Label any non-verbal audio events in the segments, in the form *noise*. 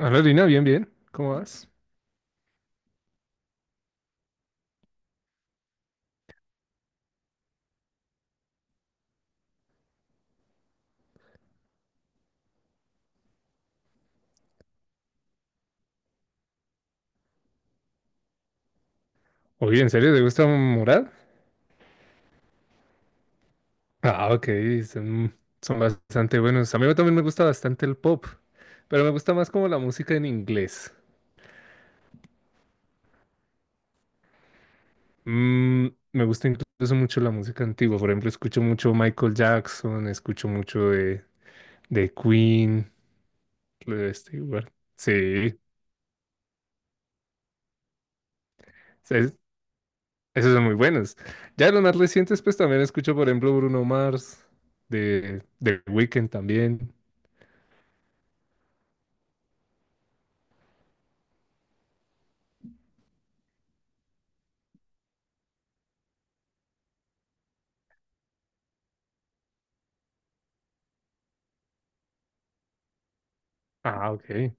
Hola Lina, bien, bien. ¿Cómo vas? Oye, ¿en serio te gusta Morat? Ah, ok, son, son bastante buenos. A mí también me gusta bastante el pop, pero me gusta más como la música en inglés. Mm, Me gusta incluso mucho la música antigua. Por ejemplo, escucho mucho Michael Jackson, escucho mucho de Queen, de este, igual. Sí, es- esos son muy buenos. Ya de los más recientes, pues también escucho, por ejemplo, Bruno Mars, de Weeknd también. Ah, ok.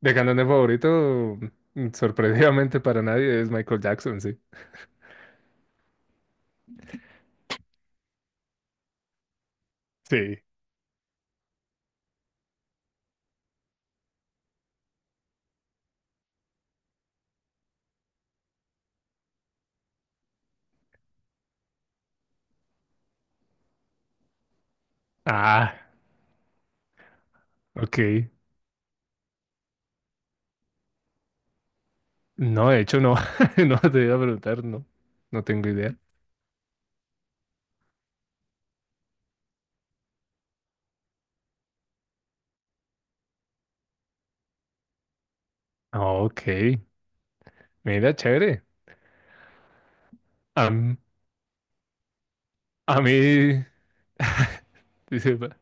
De cantante favorito, sorprendidamente para nadie, es Michael Jackson, sí. Sí. Ah, ok. No, de hecho, no. *laughs* No te iba a preguntar, no. No tengo idea. Ah, ok. Mira, chévere. Am- a mí. *laughs* dice, pa-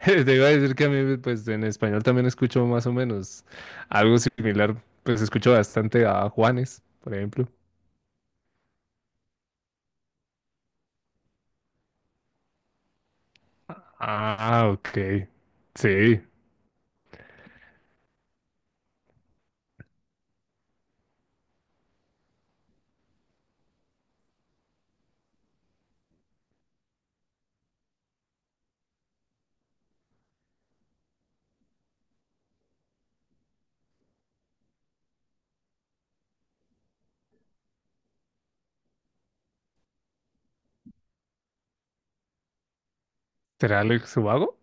*laughs* Te iba a decir que a mí, pues en español también escucho más o menos algo similar. Pues escucho bastante a Juanes, por ejemplo. Ah, ok. Sí. ¿Será Alex Ubago?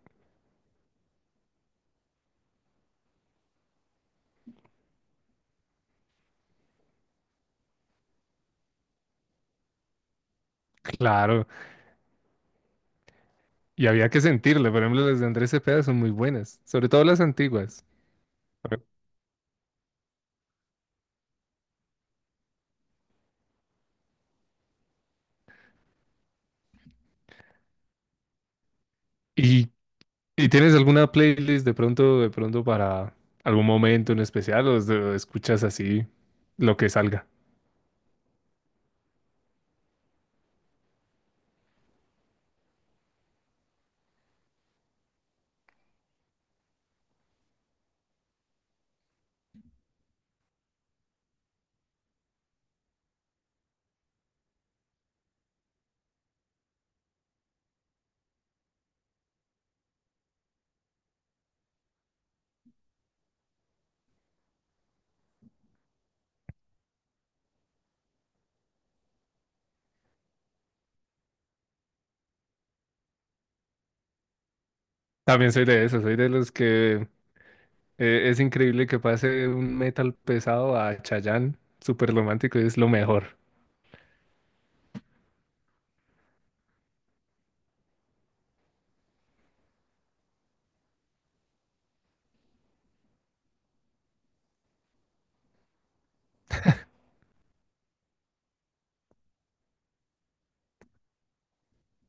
Claro. Y había que sentirle, por ejemplo, las de Andrés Cepeda son muy buenas, sobre todo las antiguas. ¿Y, y tienes alguna playlist de pronto para algún momento en especial o es escuchas así lo que salga? También soy de esos, soy de los que es increíble que pase un metal pesado a Chayanne, súper romántico, y es lo mejor.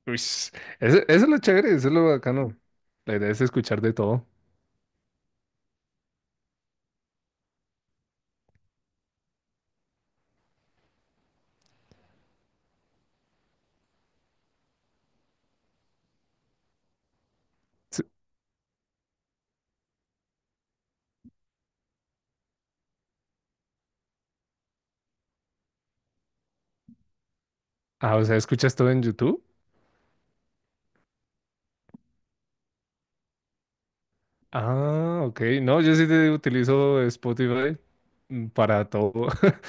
Uish, Eso es lo chévere, eso es lo bacano. La idea es escuchar de todo. S- Ah, o sea, ¿escuchas todo en YouTube? Ah, ok. No, yo sí te utilizo Spotify para todo. *laughs*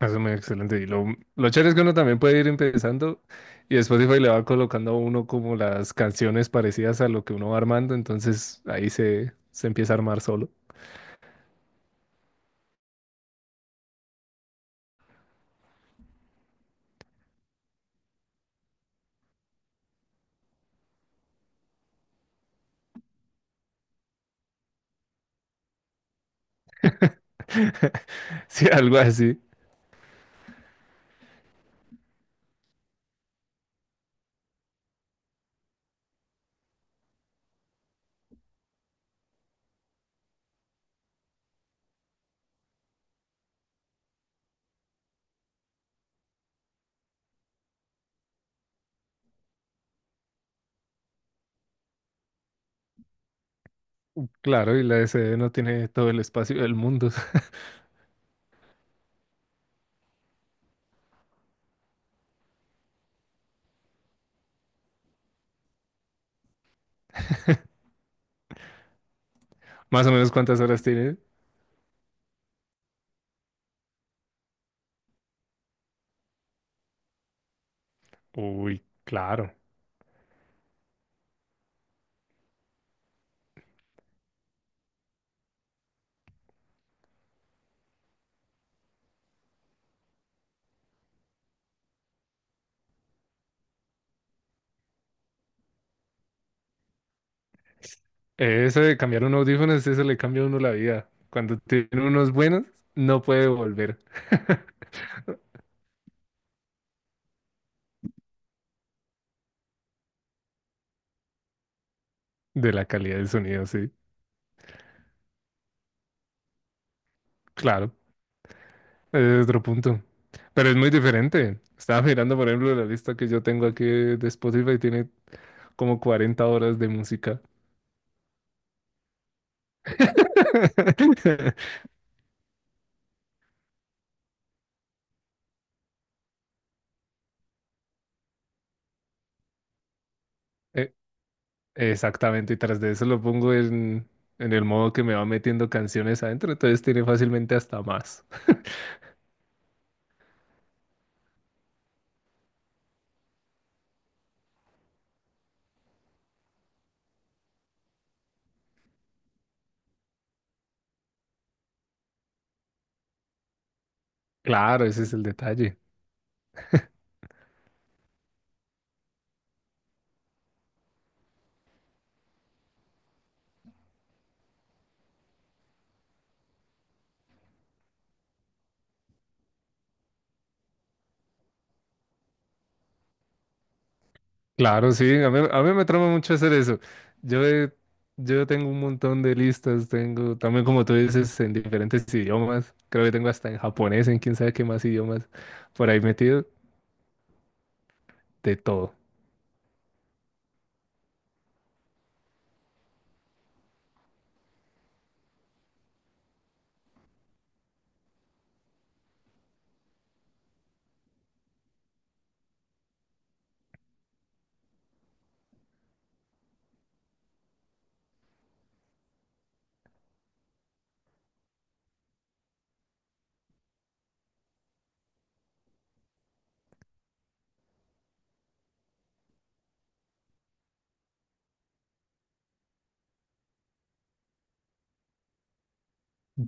Eso es muy excelente. Y lo chévere es que uno también puede ir empezando y Spotify le va colocando a uno como las canciones parecidas a lo que uno va armando. Entonces ahí se empieza a armar solo. *laughs* Sí, algo así. Claro, y la SD no tiene todo el espacio del mundo. *laughs* Más o menos cuántas horas tiene. Uy, claro. Eso de cambiar un audífono, eso le cambia a uno la vida. Cuando tiene unos buenos, no puede volver *laughs* de la calidad del sonido, sí. Claro, es otro punto. Pero es muy diferente. Estaba mirando, por ejemplo, la lista que yo tengo aquí de Spotify, tiene como 40 horas de música. *laughs* Eh, Exactamente, y tras de eso lo pongo en el modo que me va metiendo canciones adentro, entonces tiene fácilmente hasta más. Claro, ese es el detalle. Claro, sí, a mí me trama mucho hacer eso. Yo, he- yo tengo un montón de listas, tengo también como tú dices en diferentes idiomas, creo que tengo hasta en japonés, en quién sabe qué más idiomas, por ahí metido de todo.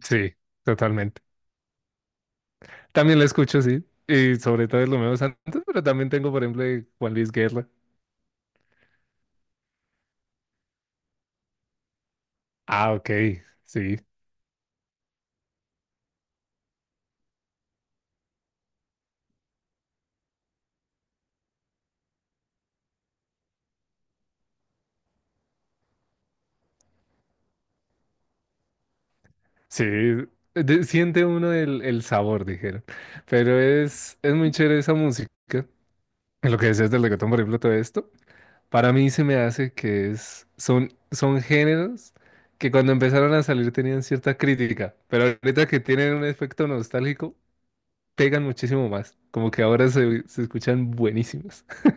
Sí, totalmente. También la escucho, sí, y sobre todo es lo menos antes, pero también tengo, por ejemplo, de Juan Luis Guerra. Ah, ok, sí, sí, siente uno el sabor, dijeron, pero es muy chévere esa música. Lo que decías del reggaetón, por ejemplo, todo esto. Para mí se me hace que son géneros que cuando empezaron a salir tenían cierta crítica, pero ahorita que tienen un efecto nostálgico, pegan muchísimo más. Como que ahora se escuchan buenísimas. *laughs*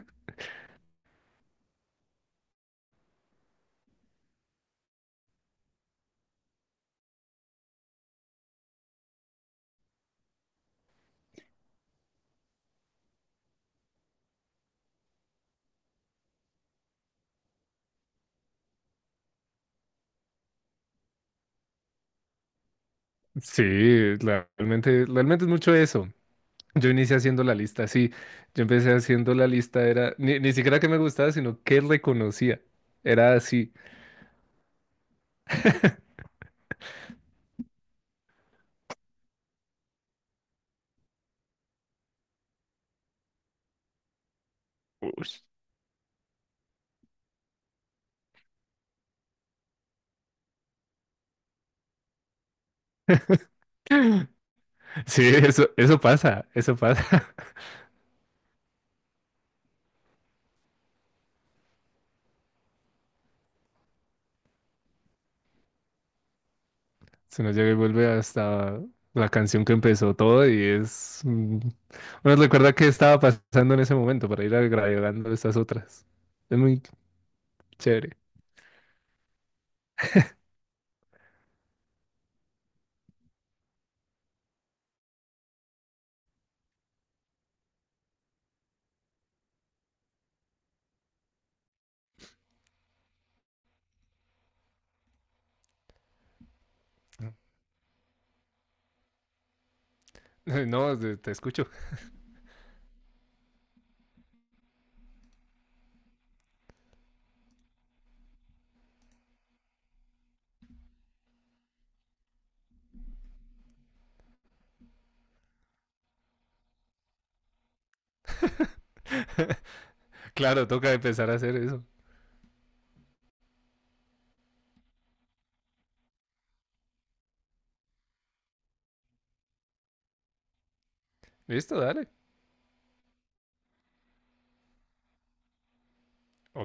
Sí, realmente es mucho eso. Yo inicié haciendo la lista, sí. Yo empecé haciendo la lista, era ni siquiera que me gustaba, sino que reconocía. Era así. Ush. *laughs* Sí, eso pasa, eso pasa. *laughs* Se nos llega y vuelve hasta la canción que empezó todo. Uno recuerda qué estaba pasando en ese momento para ir agregando estas otras. Es muy chévere. *laughs* No, te escucho. *laughs* Claro, toca empezar a hacer eso. Listo, dale.